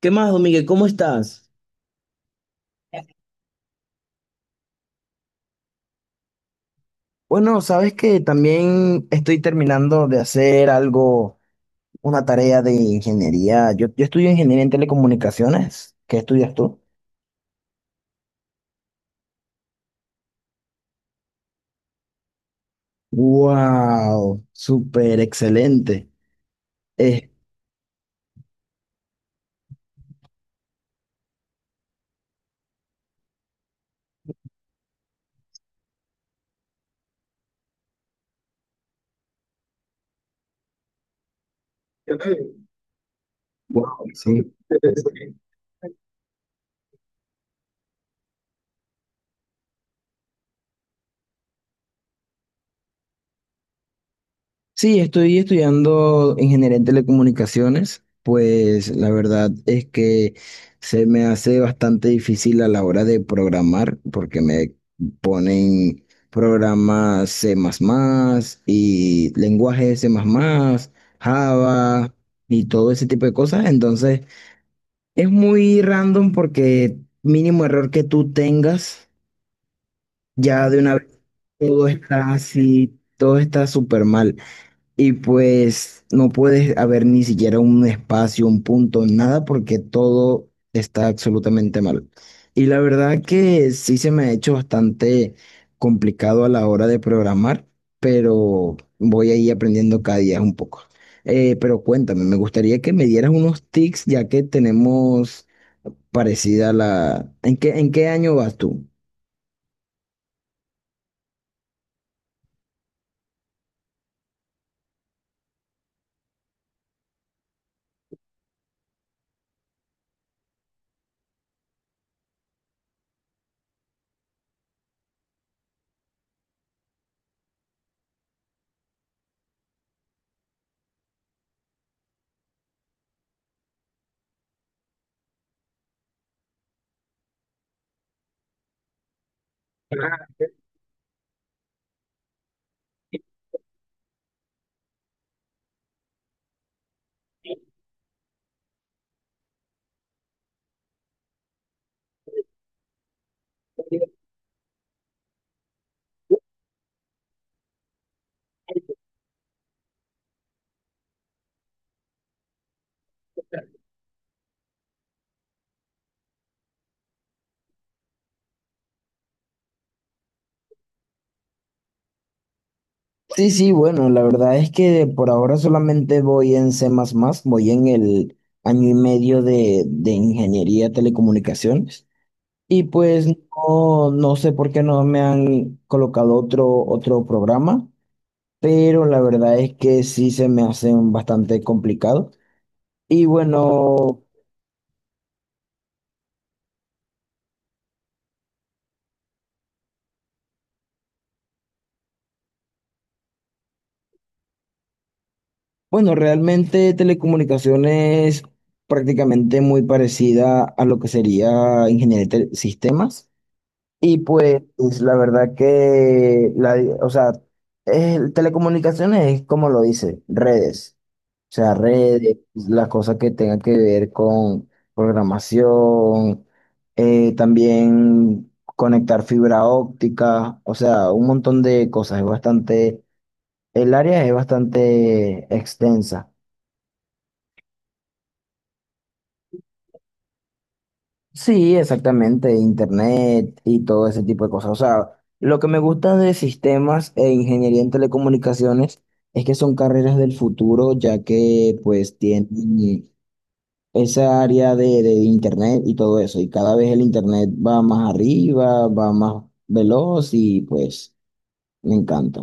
¿Qué más, don Miguel? ¿Cómo estás? Bueno, sabes que también estoy terminando de hacer algo, una tarea de ingeniería. Yo estudio ingeniería en telecomunicaciones. ¿Qué estudias tú? Wow, súper excelente. Eh, wow, sí. Sí, estoy estudiando ingeniería en telecomunicaciones, pues la verdad es que se me hace bastante difícil a la hora de programar porque me ponen programas C++ y lenguajes C++, Java y todo ese tipo de cosas. Entonces es muy random porque mínimo error que tú tengas, ya de una vez todo está así, todo está súper mal. Y pues no puedes haber ni siquiera un espacio, un punto, nada, porque todo está absolutamente mal. Y la verdad que sí se me ha hecho bastante complicado a la hora de programar, pero voy a ir aprendiendo cada día un poco. Pero cuéntame, me gustaría que me dieras unos tips, ya que tenemos parecida la... ¿En qué año vas tú? Sí, sí, bueno, la verdad es que por ahora solamente voy en C++, voy en el año y medio de ingeniería de telecomunicaciones y pues no, no sé por qué no me han colocado otro, otro programa, pero la verdad es que sí se me hacen bastante complicado. Y bueno, bueno, realmente telecomunicaciones prácticamente muy parecida a lo que sería ingeniería de sistemas. Y pues la verdad que, la, o sea, telecomunicaciones es como lo dice, redes. O sea, redes, las cosas que tengan que ver con programación, también conectar fibra óptica, o sea, un montón de cosas. Es bastante, el área es bastante extensa. Sí, exactamente, internet y todo ese tipo de cosas. O sea, lo que me gusta de sistemas e ingeniería en telecomunicaciones es que son carreras del futuro, ya que pues tienen esa área de internet y todo eso. Y cada vez el internet va más arriba, va más veloz y pues me encanta.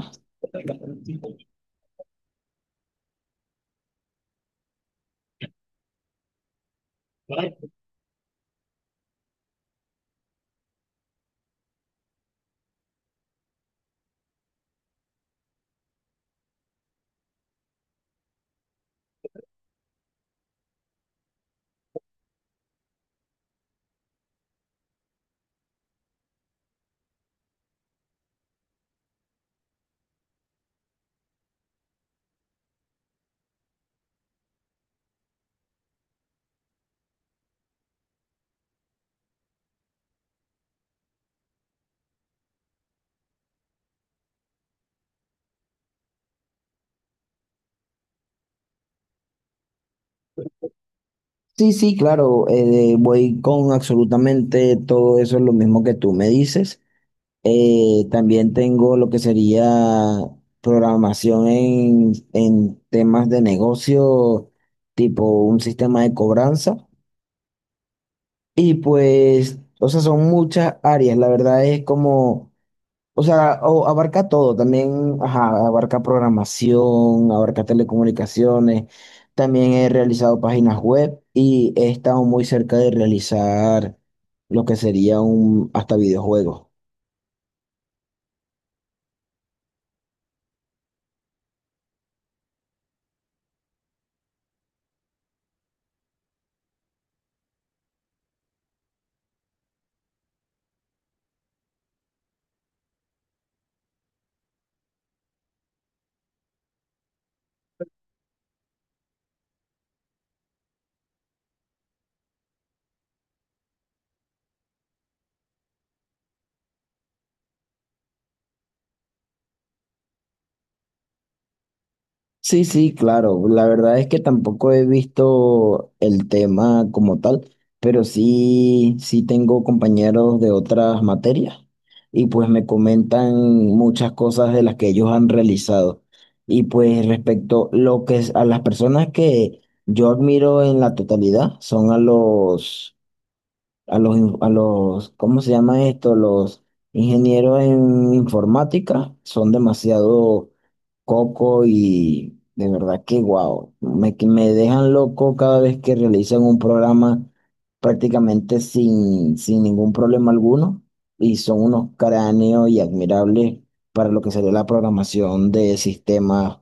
Sí, sí, claro, voy con absolutamente todo eso, lo mismo que tú me dices. También tengo lo que sería programación en temas de negocio, tipo un sistema de cobranza. Y pues, o sea, son muchas áreas. La verdad es como, o sea, abarca todo. También, ajá, abarca programación, abarca telecomunicaciones. También he realizado páginas web y he estado muy cerca de realizar lo que sería un, hasta videojuegos. Sí, sí, claro. La verdad es que tampoco he visto el tema como tal, pero sí, sí tengo compañeros de otras materias y pues me comentan muchas cosas de las que ellos han realizado. Y pues respecto lo que a las personas que yo admiro en la totalidad son a a a los, ¿cómo se llama esto? Los ingenieros en informática son demasiado Coco y de verdad que guau, me, que me dejan loco cada vez que realizan un programa prácticamente sin ningún problema alguno y son unos cráneos y admirables para lo que sería la programación de sistemas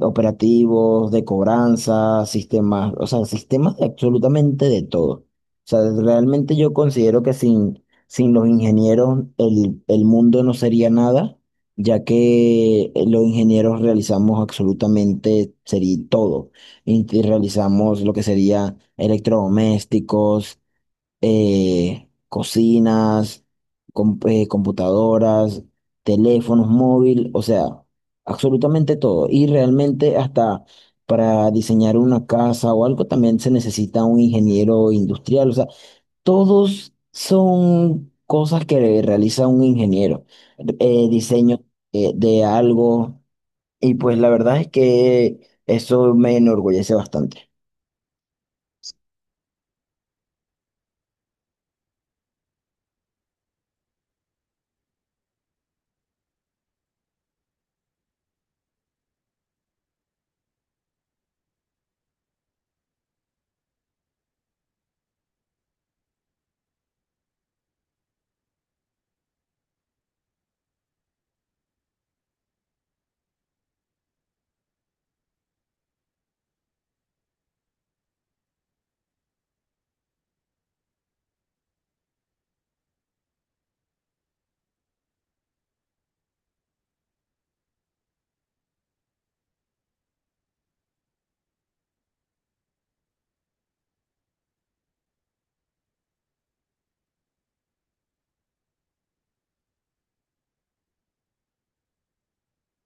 operativos, de cobranza, sistemas, o sea, sistemas de absolutamente de todo. O sea, realmente yo considero que sin los ingenieros el mundo no sería nada ya que los ingenieros realizamos absolutamente sería todo. Y realizamos lo que sería electrodomésticos, cocinas, computadoras, teléfonos móvil, o sea, absolutamente todo. Y realmente hasta para diseñar una casa o algo también se necesita un ingeniero industrial. O sea, todos son cosas que realiza un ingeniero, diseño de algo, y pues la verdad es que eso me enorgullece bastante.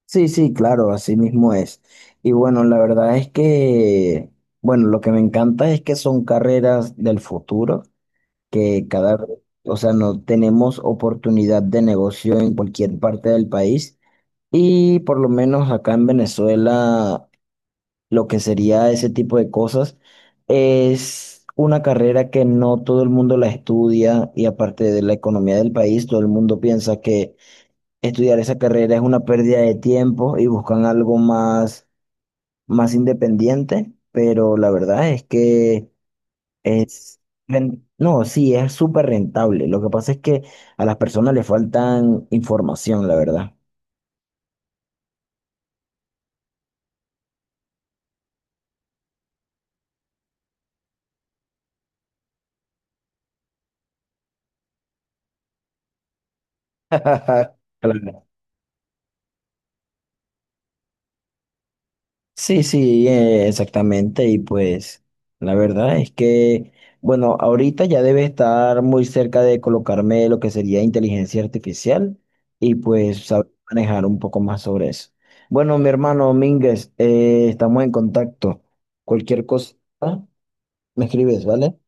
Sí, sí, claro, así mismo es. Y bueno, la verdad es que, bueno, lo que me encanta es que son carreras del futuro, que cada, o sea, no tenemos oportunidad de negocio en cualquier parte del país. Y por lo menos acá en Venezuela lo que sería ese tipo de cosas. Es una carrera que no todo el mundo la estudia y aparte de la economía del país, todo el mundo piensa que estudiar esa carrera es una pérdida de tiempo y buscan algo más, más independiente, pero la verdad es que es... No, sí, es súper rentable. Lo que pasa es que a las personas les faltan información, la verdad. Claro. Sí, sí, exactamente. Y pues la verdad es que, bueno, ahorita ya debe estar muy cerca de colocarme lo que sería inteligencia artificial y pues saber manejar un poco más sobre eso. Bueno, mi hermano Mínguez, estamos en contacto. Cualquier cosa, me escribes, ¿vale?